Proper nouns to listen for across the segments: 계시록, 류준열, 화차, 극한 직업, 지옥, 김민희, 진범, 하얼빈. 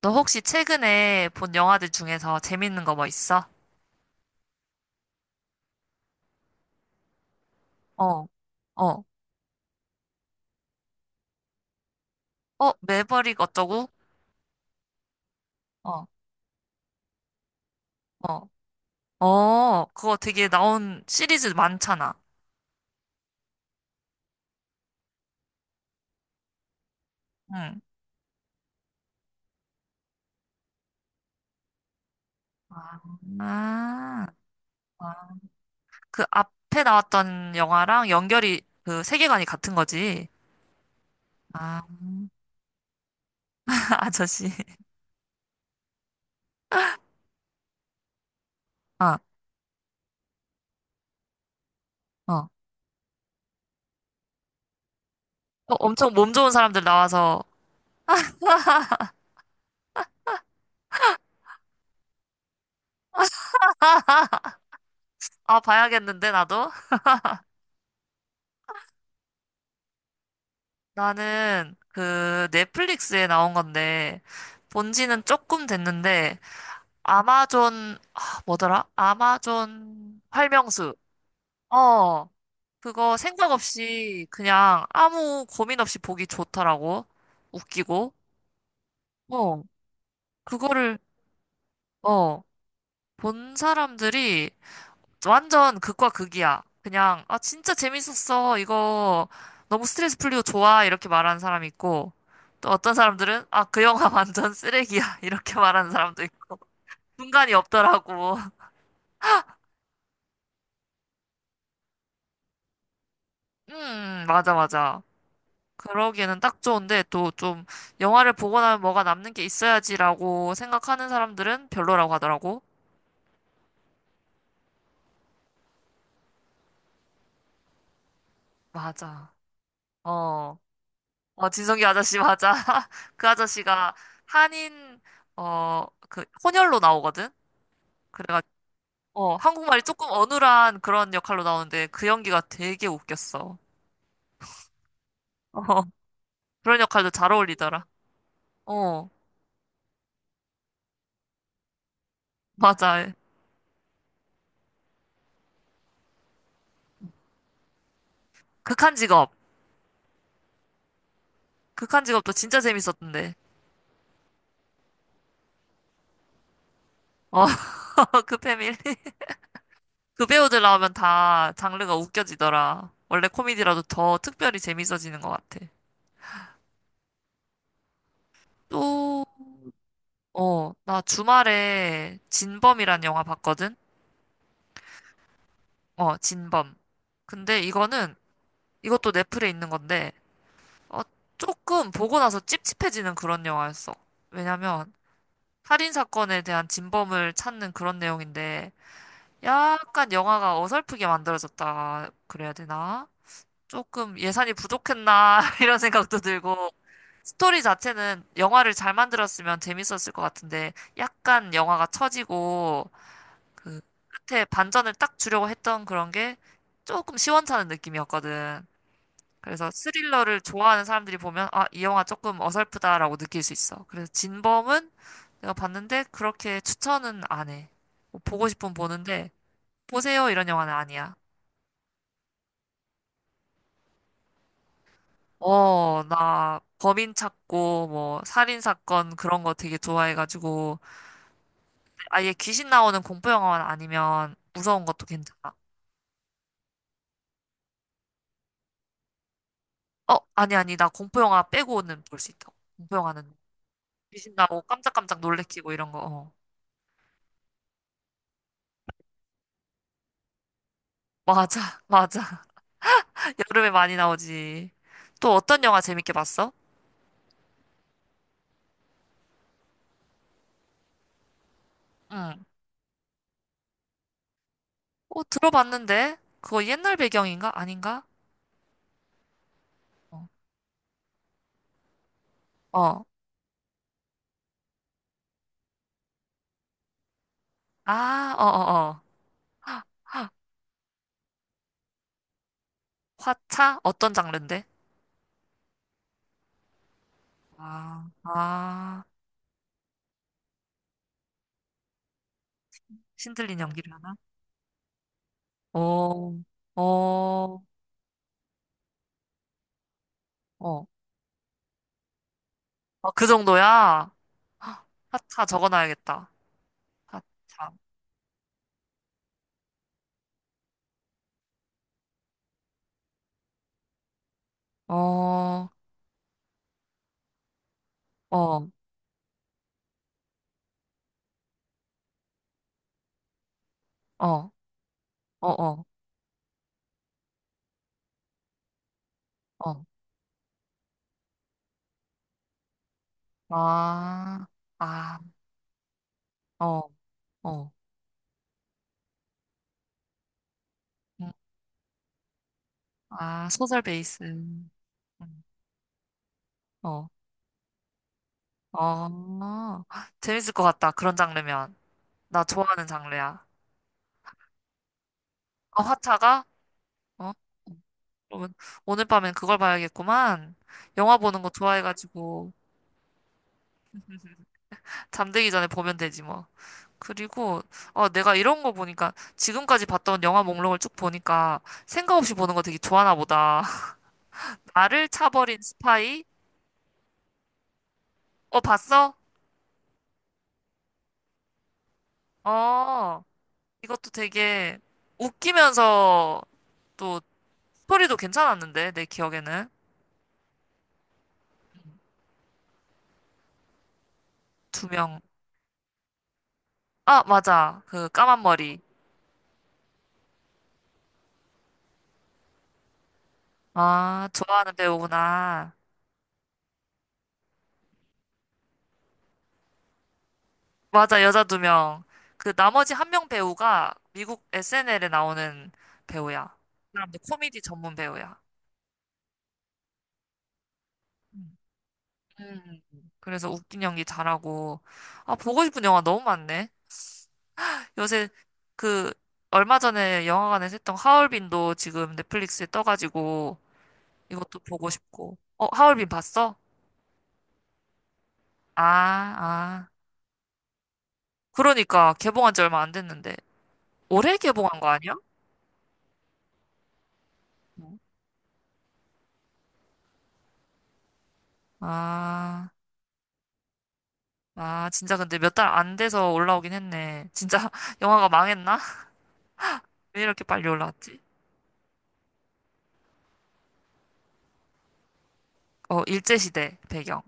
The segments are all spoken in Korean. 너 혹시 최근에 본 영화들 중에서 재밌는 거 뭐 있어? 어, 어, 매버릭 어쩌고? 어, 어, 그거 되게 나온 시리즈 많잖아. 응. 아, 아, 아. 그 앞에 나왔던 영화랑 연결이 그 세계관이 같은 거지. 아, 아저씨. 아, 어. 어, 엄청 몸 좋은 사람들 나와서, 아, 봐야겠는데, 나도? 나는 그 넷플릭스에 나온 건데, 본 지는 조금 됐는데, 아마존, 아, 뭐더라? 아마존 활명수. 어, 그거 생각 없이 그냥 아무 고민 없이 보기 좋더라고. 웃기고. 어, 그거를, 어, 본 사람들이 완전 극과 극이야. 그냥, 아, 진짜 재밌었어. 이거 너무 스트레스 풀리고 좋아. 이렇게 말하는 사람 있고. 또 어떤 사람들은, 아, 그 영화 완전 쓰레기야. 이렇게 말하는 사람도 있고. 중간이 없더라고. 맞아, 맞아. 그러기에는 딱 좋은데 또 좀 영화를 보고 나면 뭐가 남는 게 있어야지라고 생각하는 사람들은 별로라고 하더라고. 맞아. 어, 어, 진성기 아저씨 맞아. 그 아저씨가 한인 어, 그 혼혈로 나오거든. 그래가지고 어, 한국말이 조금 어눌한 그런 역할로 나오는데 그 연기가 되게 웃겼어. 어, 그런 역할도 잘 어울리더라. 어, 맞아. 극한 직업. 극한 직업도 진짜 재밌었던데. 어, 그 패밀. 그 배우들 나오면 다 장르가 웃겨지더라. 원래 코미디라도 더 특별히 재밌어지는 것 같아. 또, 어, 나 주말에 진범이란 영화 봤거든? 어, 진범. 근데 이거는, 이것도 넷플에 있는 건데, 어, 조금 보고 나서 찝찝해지는 그런 영화였어. 왜냐면, 살인 사건에 대한 진범을 찾는 그런 내용인데, 약간 영화가 어설프게 만들어졌다. 그래야 되나? 조금 예산이 부족했나 이런 생각도 들고 스토리 자체는 영화를 잘 만들었으면 재밌었을 것 같은데 약간 영화가 처지고 그 끝에 반전을 딱 주려고 했던 그런 게 조금 시원찮은 느낌이었거든. 그래서 스릴러를 좋아하는 사람들이 보면 아, 이 영화 조금 어설프다라고 느낄 수 있어. 그래서 진범은 내가 봤는데 그렇게 추천은 안 해. 뭐 보고 싶으면 보는데 보세요 이런 영화는 아니야. 어, 나 범인 찾고 뭐 살인 사건 그런 거 되게 좋아해가지고 아예 귀신 나오는 공포 영화만 아니면 무서운 것도 괜찮아. 어, 아니 아니 나 공포 영화 빼고는 볼 수 있다고. 공포 영화는 귀신 나오고 깜짝깜짝 놀래키고 이런 거. 어. 맞아, 맞아. 여름에 많이 나오지. 또 어떤 영화 재밌게 봤어? 응. 어, 들어봤는데 그거 옛날 배경인가? 아닌가? 어, 어. 아, 화차? 어떤 장르인데? 아, 아. 신들린 연기를 하나? 어, 어, 어. 아, 그 정도야? 헉, 하차 적어놔야겠다. 하차. 어, 어, 어, 어, 어, 어. 아, 아, 어, 어. 음, 아, 소설 베이스. 어, 어. 재밌을 것 같다. 그런 장르면. 나 좋아하는 장르야. 어, 화차가? 어? 그러면 오늘 밤엔 그걸 봐야겠구만. 영화 보는 거 좋아해가지고 잠들기 전에 보면 되지 뭐. 그리고 어 내가 이런 거 보니까 지금까지 봤던 영화 목록을 쭉 보니까 생각 없이 보는 거 되게 좋아하나 보다. 나를 차버린 스파이? 어 봤어? 어 이것도 되게 웃기면서 또 스토리도 괜찮았는데 내 기억에는 두 명. 아 맞아 그 까만 머리. 아 좋아하는 배우구나. 맞아 여자 두 명. 그 나머지 한 명 배우가 미국 SNL에 나오는 배우야. 그 사람도 코미디 전문 배우야. 음. 음. 그래서 웃긴 연기 잘하고. 아, 보고 싶은 영화 너무 많네. 요새 그 얼마 전에 영화관에서 했던 하얼빈도 지금 넷플릭스에 떠가지고 이것도 보고 싶고. 어, 하얼빈 봤어? 아, 아. 그러니까 개봉한 지 얼마 안 됐는데. 올해 개봉한 거 아니야? 어. 아, 아, 진짜 근데 몇 달 안 돼서 올라오긴 했네. 진짜 영화가 망했나? 왜 이렇게 빨리 올라왔지? 어, 일제시대 배경.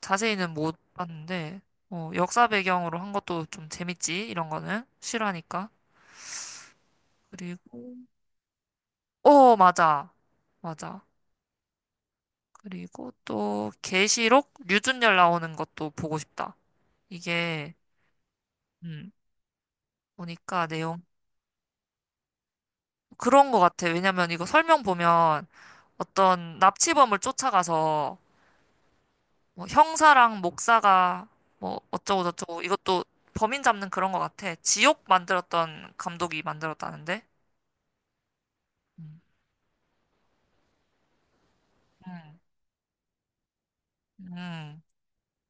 자세히는 못 봤는데, 어, 역사 배경으로 한 것도 좀 재밌지, 이런 거는. 싫어하니까. 그리고, 어, 맞아. 맞아. 그리고 또, 계시록 류준열 나오는 것도 보고 싶다. 이게, 음, 보니까 내용, 그런 거 같아. 왜냐면 이거 설명 보면 어떤 납치범을 쫓아가서, 뭐 형사랑 목사가, 뭐, 어쩌고저쩌고, 이것도 범인 잡는 그런 거 같아. 지옥 만들었던 감독이 만들었다는데? 음. 음. 음.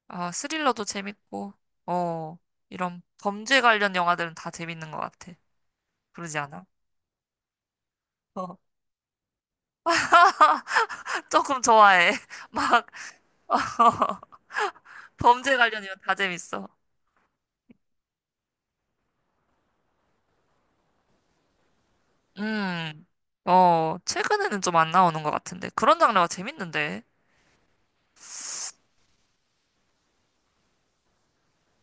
아, 스릴러도 재밌고, 어, 이런 범죄 관련 영화들은 다 재밌는 것 같아. 그러지 않아? 어, 조금 좋아해. 막, 어, 범죄 관련이면 다 재밌어. 음, 어, 최근에는 좀 안 나오는 것 같은데. 그런 장르가 재밌는데.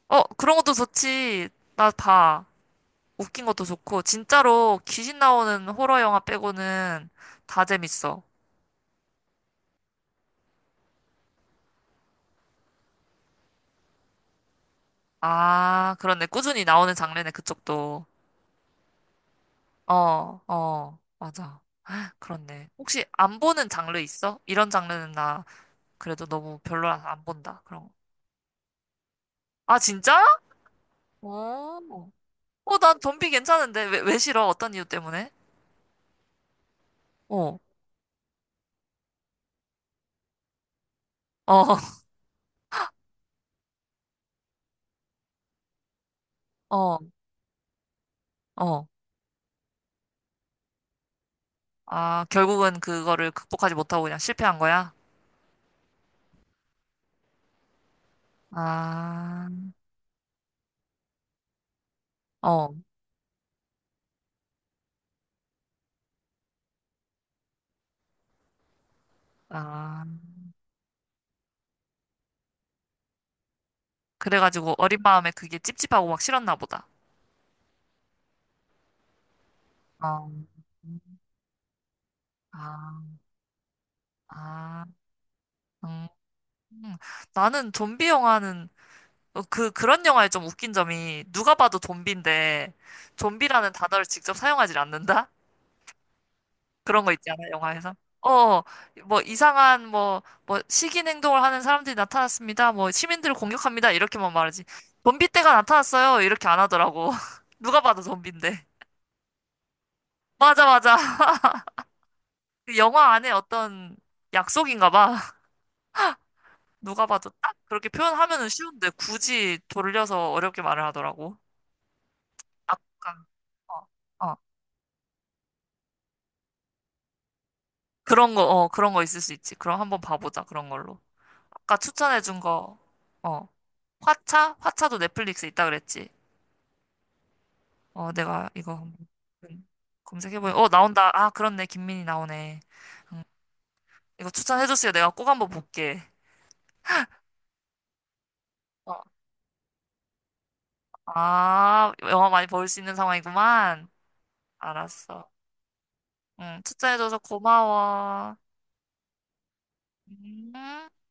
어, 그런 것도 좋지. 나 봐. 웃긴 것도 좋고, 진짜로 귀신 나오는 호러 영화 빼고는 다 재밌어. 아, 그렇네. 꾸준히 나오는 장르네, 그쪽도. 어, 어, 맞아. 그렇네. 혹시 안 보는 장르 있어? 이런 장르는 나 그래도 너무 별로라서 안 본다. 그런 거. 아, 진짜? 어. 어, 난 좀비 괜찮은데. 왜, 왜 싫어? 어떤 이유 때문에? 어. 어, 어, 어. 아, 결국은 그거를 극복하지 못하고 그냥 실패한 거야? 아, 어, 아. 그래가지고 어린 마음에 그게 찝찝하고 막 싫었나 보다. 어. 아, 아, 음. 나는 좀비 영화는 그런 영화의 좀 웃긴 점이 누가 봐도 좀비인데 좀비라는 단어를 직접 사용하지 않는다? 그런 거 있지 않아 영화에서. 어, 뭐 이상한 뭐, 뭐 시긴 행동을 하는 사람들이 나타났습니다. 뭐 시민들을 공격합니다. 이렇게만 말하지. 좀비 떼가 나타났어요. 이렇게 안 하더라고. 누가 봐도 좀비인데. 맞아, 맞아. 그 영화 안에 어떤 약속인가 봐. 누가 봐도 딱 그렇게 표현하면은 쉬운데 굳이 돌려서 어렵게 말을 하더라고. 약간. 어, 어. 그런 거, 어, 그런 거 있을 수 있지. 그럼 한번 봐보자, 그런 걸로. 아까 추천해준 거, 어, 화차? 화차도 넷플릭스에 있다 그랬지. 어, 내가 이거 한번 검색해보니, 어, 나온다. 아, 그렇네. 김민희 나오네. 음, 이거 추천해줬어요. 내가 꼭 한번 볼게. 어, 아, 영화 많이 볼 수 있는 상황이구만. 알았어. 응, 추천해줘서 고마워. 음.